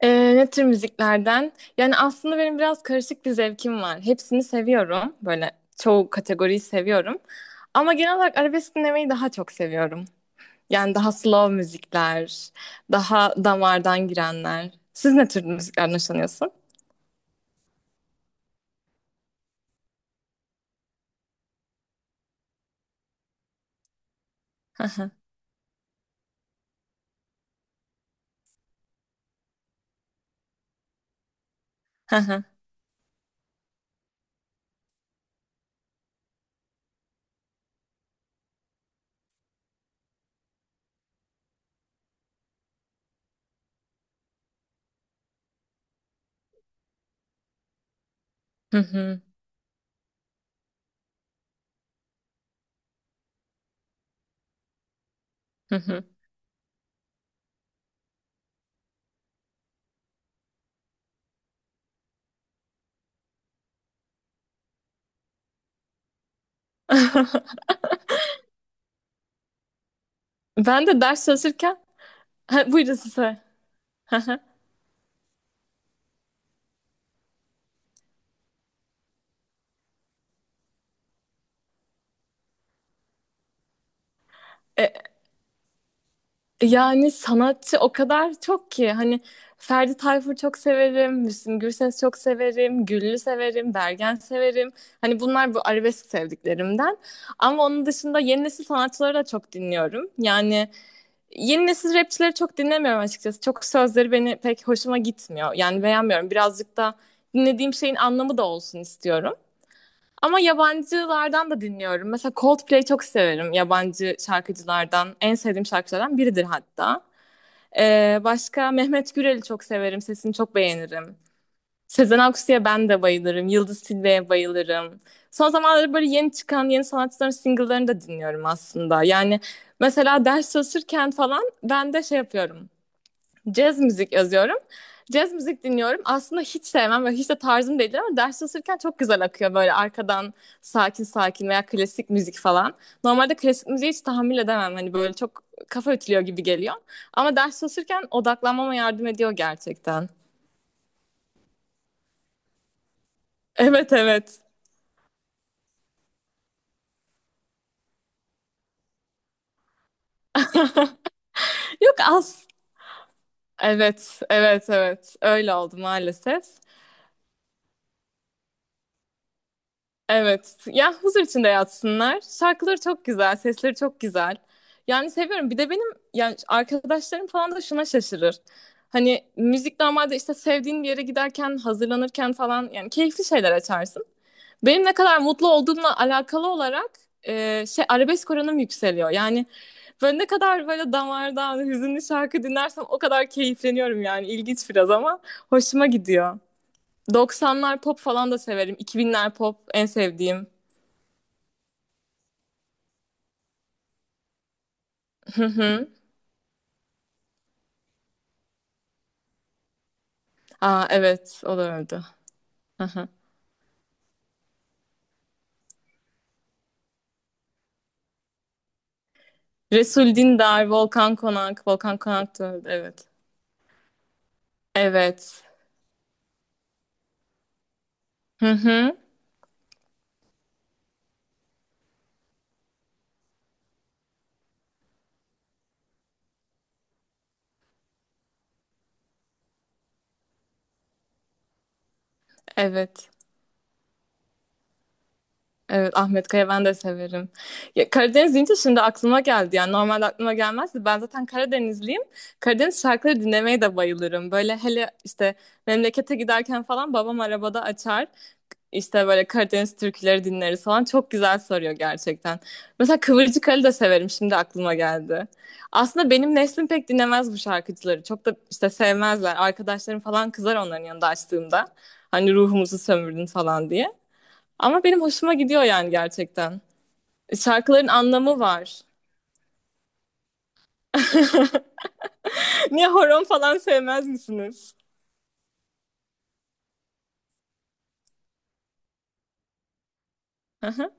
Ne tür müziklerden? Yani aslında benim biraz karışık bir zevkim var. Hepsini seviyorum. Böyle çoğu kategoriyi seviyorum. Ama genel olarak arabesk dinlemeyi daha çok seviyorum. Yani daha slow müzikler, daha damardan girenler. Siz ne tür müziklerden hoşlanıyorsun? Hı hı, hı hı, hı hı, hı hı. Ben de ders çalışırken... Ha, buyurun size. Yani sanatçı o kadar çok ki hani Ferdi Tayfur çok severim, Müslüm Gürses çok severim, Güllü severim, Bergen severim. Hani bunlar bu arabesk sevdiklerimden. Ama onun dışında yeni nesil sanatçıları da çok dinliyorum. Yani yeni nesil rapçileri çok dinlemiyorum açıkçası. Çok sözleri beni pek hoşuma gitmiyor. Yani beğenmiyorum. Birazcık da dinlediğim şeyin anlamı da olsun istiyorum. Ama yabancılardan da dinliyorum. Mesela Coldplay çok severim yabancı şarkıcılardan. En sevdiğim şarkıcılardan biridir hatta. Başka Mehmet Gürel'i çok severim. Sesini çok beğenirim. Sezen Aksu'ya ben de bayılırım. Yıldız Tilbe'ye bayılırım. Son zamanlarda böyle yeni çıkan yeni sanatçıların single'larını da dinliyorum aslında. Yani mesela ders çalışırken falan ben de şey yapıyorum. Caz müzik yazıyorum. Caz müzik dinliyorum. Aslında hiç sevmem ve hiç de tarzım değildir ama ders çalışırken çok güzel akıyor böyle arkadan sakin sakin veya klasik müzik falan. Normalde klasik müziği hiç tahammül edemem. Hani böyle çok kafa ütülüyor gibi geliyor. Ama ders çalışırken odaklanmama yardım ediyor gerçekten. Evet evet. Yok az. Evet, evet, evet. Öyle oldu maalesef. Evet. Ya huzur içinde yatsınlar. Şarkıları çok güzel, sesleri çok güzel. Yani seviyorum. Bir de benim yani arkadaşlarım falan da şuna şaşırır. Hani müzik normalde işte sevdiğin bir yere giderken, hazırlanırken falan yani keyifli şeyler açarsın. Benim ne kadar mutlu olduğumla alakalı olarak arabesk oranım yükseliyor. Yani böyle ne kadar böyle damardan hüzünlü şarkı dinlersem o kadar keyifleniyorum yani. İlginç biraz ama hoşuma gidiyor. 90'lar pop falan da severim. 2000'ler pop en sevdiğim. Hı hı. Aa, evet o da öldü. Hı hı. Resul Dindar, Volkan Konak. Volkan Konak da öldü evet. Evet. Hı hı. Evet. Evet Ahmet Kaya ben de severim. Ya, Karadeniz deyince şimdi aklıma geldi. Yani normalde aklıma gelmezdi. Ben zaten Karadenizliyim. Karadeniz şarkıları dinlemeye de bayılırım. Böyle hele işte memlekete giderken falan babam arabada açar. İşte böyle Karadeniz türküleri dinleriz falan. Çok güzel sarıyor gerçekten. Mesela Kıvırcık Ali de severim. Şimdi aklıma geldi. Aslında benim neslim pek dinlemez bu şarkıcıları. Çok da işte sevmezler. Arkadaşlarım falan kızar onların yanında açtığımda. Hani ruhumuzu sömürdün falan diye. Ama benim hoşuma gidiyor yani gerçekten. Şarkıların anlamı var. Niye horon falan sevmez misiniz? Hı hı.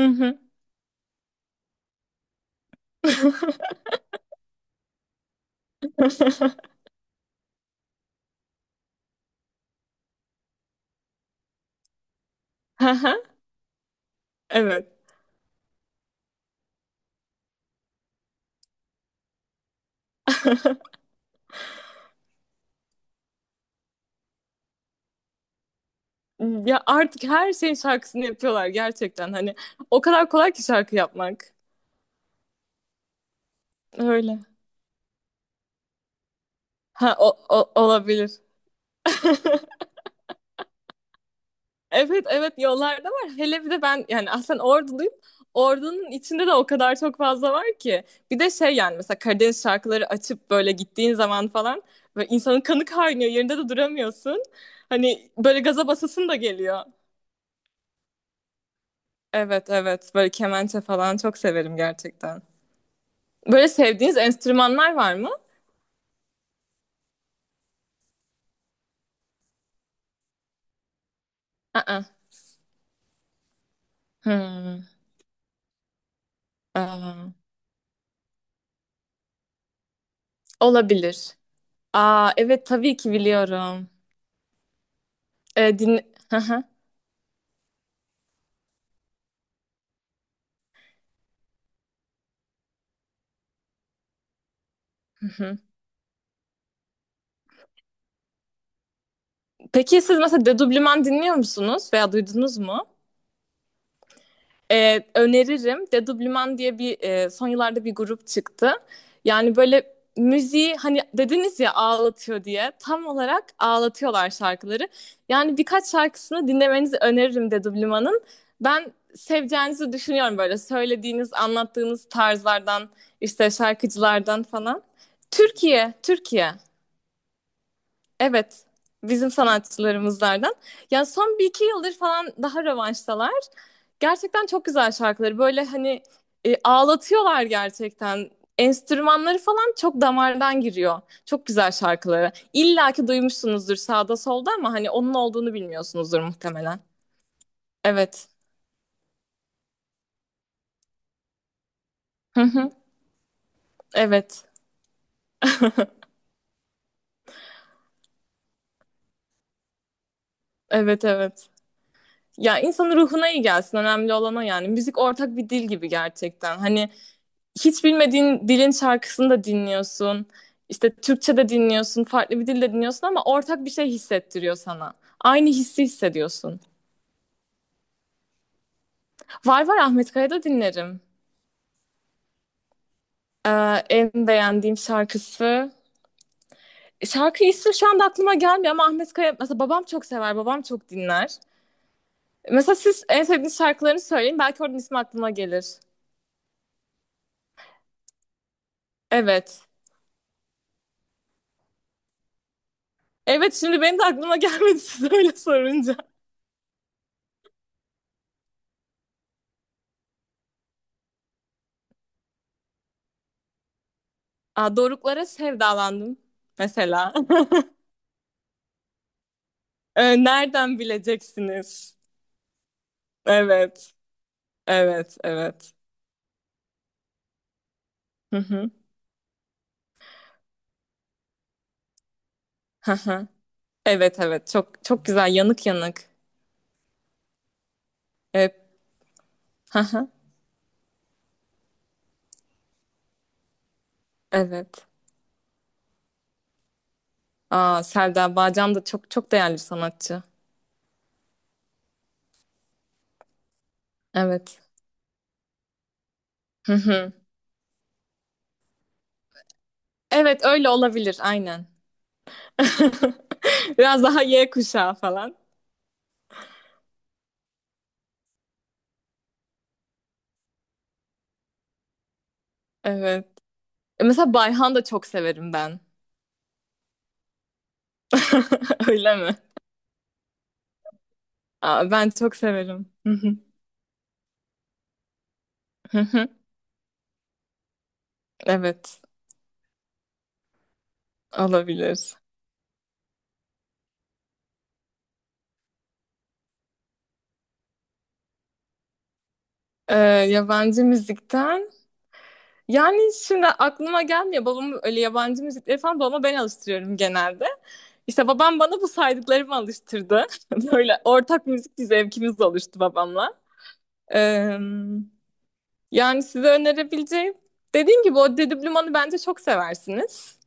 Hı hı. Hı hı. Evet. Ya artık her şeyin şarkısını yapıyorlar gerçekten hani o kadar kolay ki şarkı yapmak. Öyle. Ha olabilir. Evet evet yollarda var. Hele bir de ben yani aslen Orduluyum. Ordunun içinde de o kadar çok fazla var ki. Bir de şey yani mesela Karadeniz şarkıları açıp böyle gittiğin zaman falan ve insanın kanı kaynıyor. Yerinde de duramıyorsun. Hani böyle gaza basasın da geliyor. Evet evet böyle kemençe falan çok severim gerçekten. Böyle sevdiğiniz enstrümanlar var mı? Hmm, aa, olabilir. Aa, evet tabii ki biliyorum. Ee, din... Hı hı, hı hı. Peki siz mesela dedublüman dinliyor musunuz veya duydunuz mu? Öneririm. Dedoublement diye bir son yıllarda bir grup çıktı. Yani böyle müziği hani dediniz ya ağlatıyor diye tam olarak ağlatıyorlar şarkıları. Yani birkaç şarkısını dinlemenizi öneririm Dedoublement'ın. Ben seveceğinizi düşünüyorum böyle söylediğiniz, anlattığınız tarzlardan, işte şarkıcılardan falan. Türkiye, Türkiye. Evet, bizim sanatçılarımızlardan. Yani son bir iki yıldır falan daha rövanştalar. Gerçekten çok güzel şarkıları. Böyle hani ağlatıyorlar gerçekten. Enstrümanları falan çok damardan giriyor. Çok güzel şarkıları. İlla ki duymuşsunuzdur sağda solda ama hani onun olduğunu bilmiyorsunuzdur muhtemelen. Evet. Hı hı. Evet. Evet evet. Ya insanın ruhuna iyi gelsin. Önemli olan o yani. Müzik ortak bir dil gibi gerçekten. Hani hiç bilmediğin dilin şarkısını da dinliyorsun. İşte Türkçe de dinliyorsun, farklı bir dilde dinliyorsun ama ortak bir şey hissettiriyor sana. Aynı hissi hissediyorsun. Var var Ahmet Kaya'da dinlerim. Ee, En beğendiğim şarkısı. Şarkı ismi şu anda aklıma gelmiyor ama Ahmet Kaya mesela babam çok sever, babam çok dinler. Mesela siz en sevdiğiniz şarkılarını söyleyin belki oradan ismi aklıma gelir. Evet. Evet şimdi benim de aklıma gelmedi siz öyle sorunca. Aa, Doruklara sevdalandım mesela. Nereden bileceksiniz? Evet, evet, evet. Hı hı, hı hı. Evet, evet. Çok çok güzel. Yanık yanık. Evet. Hı hı. Evet. Aa, Selda Bağcan da çok çok değerli bir sanatçı. Evet. Hı hı. Evet, öyle olabilir. Aynen. Biraz daha Y kuşağı falan. Evet. Mesela Bayhan da çok severim ben. Öyle mi? Aa, ben çok severim. Hı hı, hı hı. Evet, olabilir. Ee, Yabancı müzikten. Yani şimdi aklıma gelmiyor. Babam öyle yabancı müzikleri falan babama ben alıştırıyorum genelde. İşte babam bana bu saydıklarımı alıştırdı. Böyle ortak müzik bir zevkimiz oluştu babamla. Ee, Yani size önerebileceğim. Dediğim gibi o Dedi Bluman'ı bence çok seversiniz.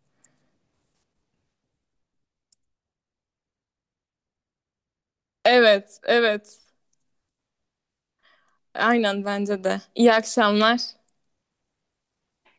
Evet, evet. Aynen bence de. İyi akşamlar.